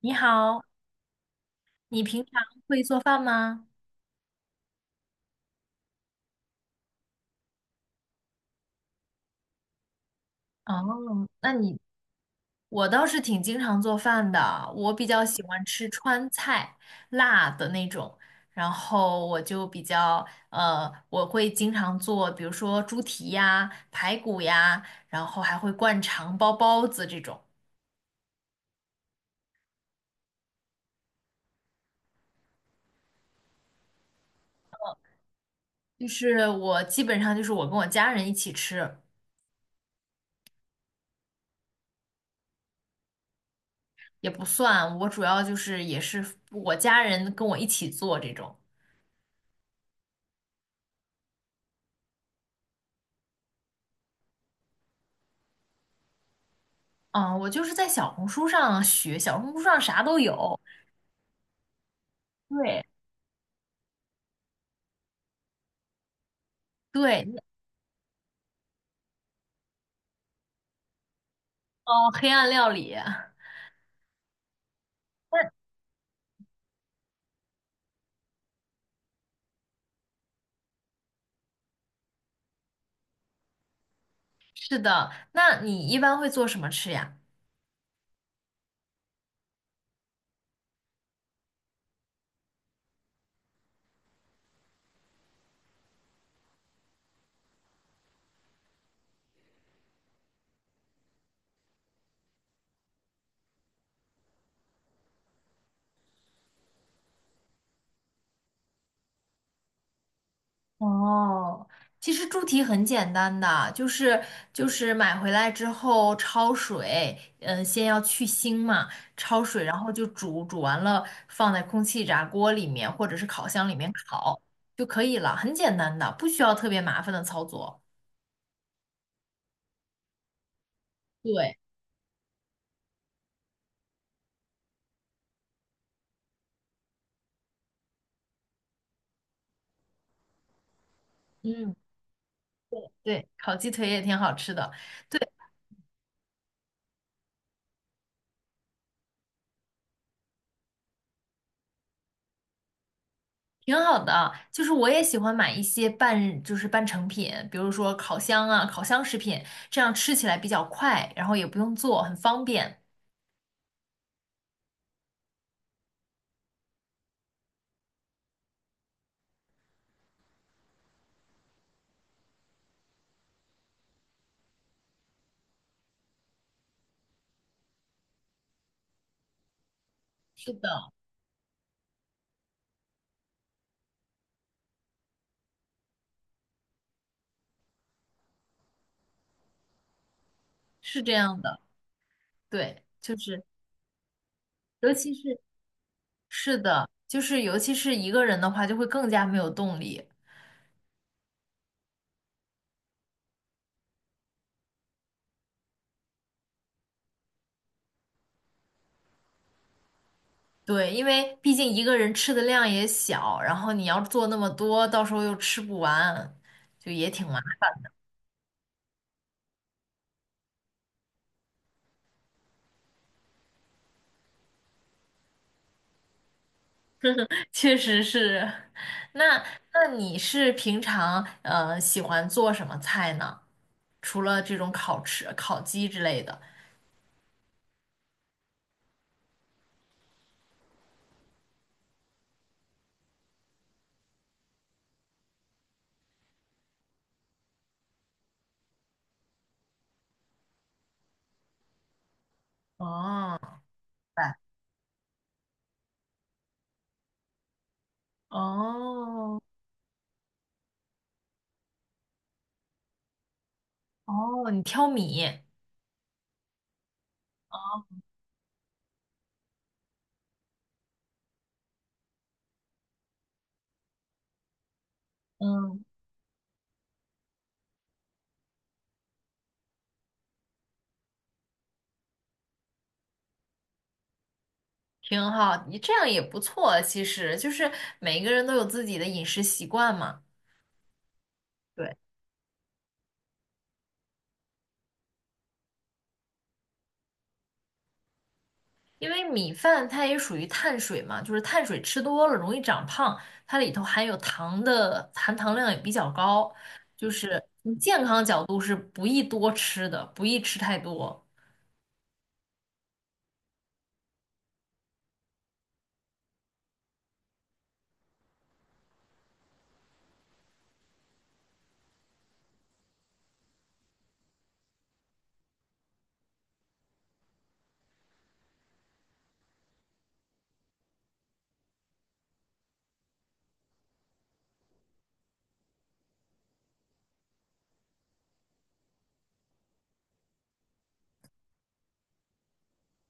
你好，你平常会做饭吗？哦，那你，我倒是挺经常做饭的，我比较喜欢吃川菜，辣的那种，然后我就比较，呃，我会经常做，比如说猪蹄呀、排骨呀，然后还会灌肠、包包子这种，我基本上就是我跟我家人一起吃，也不算，我主要就是也是我家人跟我一起做这种。嗯，我就是在小红书上学，小红书上啥都有。对对，哦，黑暗料理，那是的。那你一般会做什么吃呀？哦，其实猪蹄很简单的，就是买回来之后焯水，嗯，先要去腥嘛，焯水，然后就煮，煮完了放在空气炸锅里面或者是烤箱里面烤就可以了，很简单的，不需要特别麻烦的操作。对，嗯。对，烤鸡腿也挺好吃的，对，挺好的啊。就是我也喜欢买一些半，就是半成品，比如说烤箱啊、烤箱食品，这样吃起来比较快，然后也不用做，很方便。是的，是这样的，对，就是尤其是是的，就是尤其是一个人的话，就会更加没有动力。对，因为毕竟一个人吃的量也小，然后你要做那么多，到时候又吃不完，就也挺麻烦确实是。那那你是平常喜欢做什么菜呢？除了这种烤翅、烤鸡之类的。哦，明白哦哦，你挑米，嗯，挺好，你这样也不错。其实就是每个人都有自己的饮食习惯嘛。对。因为米饭它也属于碳水嘛，就是碳水吃多了容易长胖，它里头含有糖的含糖量也比较高，就是从健康角度是不宜多吃的，不宜吃太多。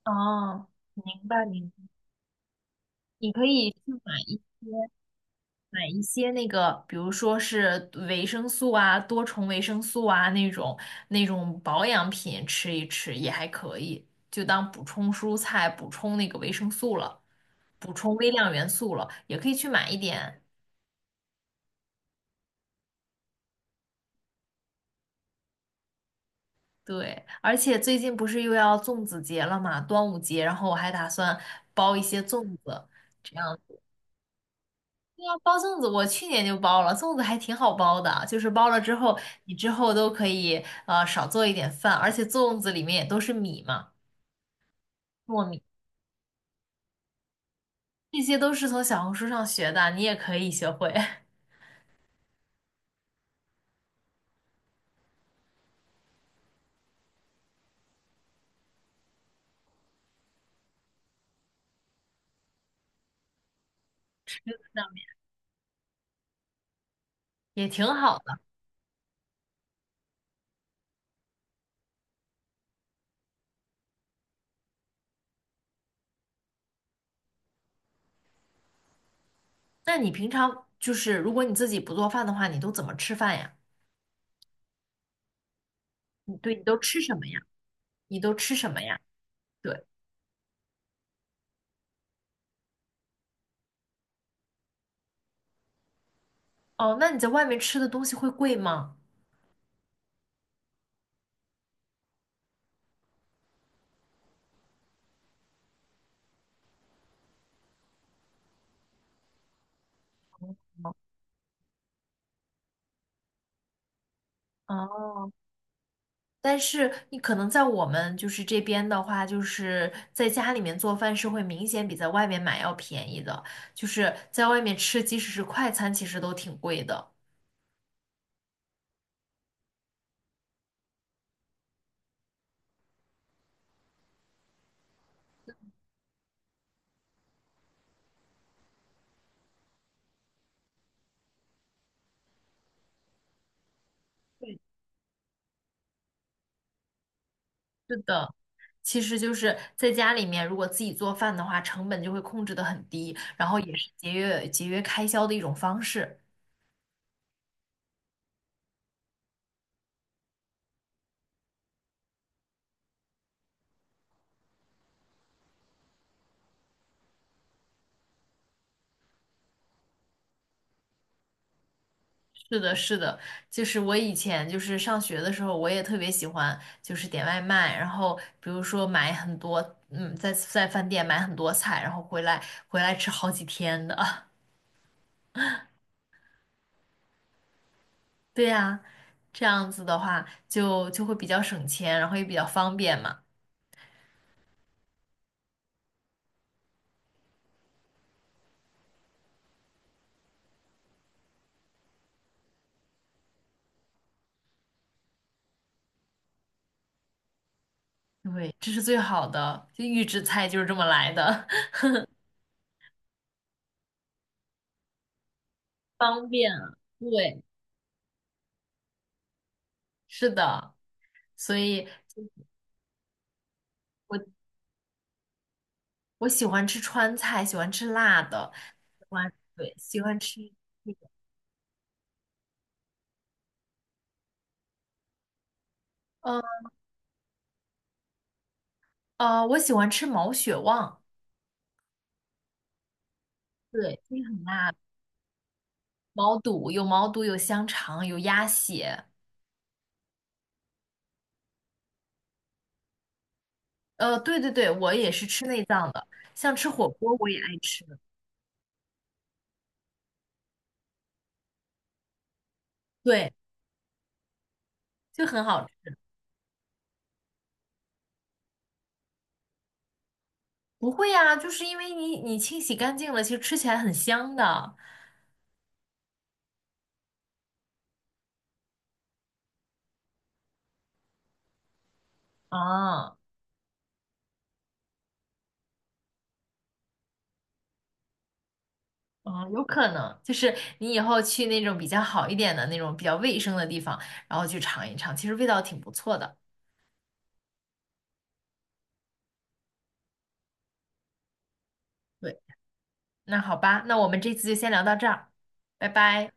哦，明白明白。你可以去买一买一些那个，比如说是维生素啊、多重维生素啊那种保养品吃一吃也还可以，就当补充蔬菜、补充那个维生素了。补充微量元素了，也可以去买一点。对，而且最近不是又要粽子节了嘛，端午节，然后我还打算包一些粽子，这样。对啊，包粽子我去年就包了，粽子还挺好包的，就是包了之后，你之后都可以少做一点饭，而且粽子里面也都是米嘛，糯米，这些都是从小红书上学的，你也可以学会，那也挺好的。那你平常就是如果你自己不做饭的话，你都怎么吃饭呀？你对，你都吃什么呀？你都吃什么呀？对，哦，那你在外面吃的东西会贵吗？哦，但是你可能在我们就是这边的话，就是在家里面做饭是会明显比在外面买要便宜的，就是在外面吃，即使是快餐，其实都挺贵的。是的，其实就是在家里面，如果自己做饭的话，成本就会控制得很低，然后也是节约节约开销的一种方式。是的，是的，就是我以前就是上学的时候，我也特别喜欢就是点外卖，然后比如说买很多，嗯，在饭店买很多菜，然后回来吃好几天的。对呀，这样子的话就会比较省钱，然后也比较方便嘛。对，这是最好的，就预制菜就是这么来的，方便啊对，是的，所以我我喜欢吃川菜，喜欢吃辣的，喜欢对，喜欢吃。嗯，我喜欢吃毛血旺，对，就是很辣，毛肚有毛肚，有香肠，有鸭血。对对对，我也是吃内脏的，像吃火锅我也爱吃，对，就很好吃。不会呀、就是因为你清洗干净了，其实吃起来很香的啊啊，有可能就是你以后去那种比较好一点的那种比较卫生的地方，然后去尝一尝，其实味道挺不错的。对，那好吧，那我们这次就先聊到这儿，拜拜。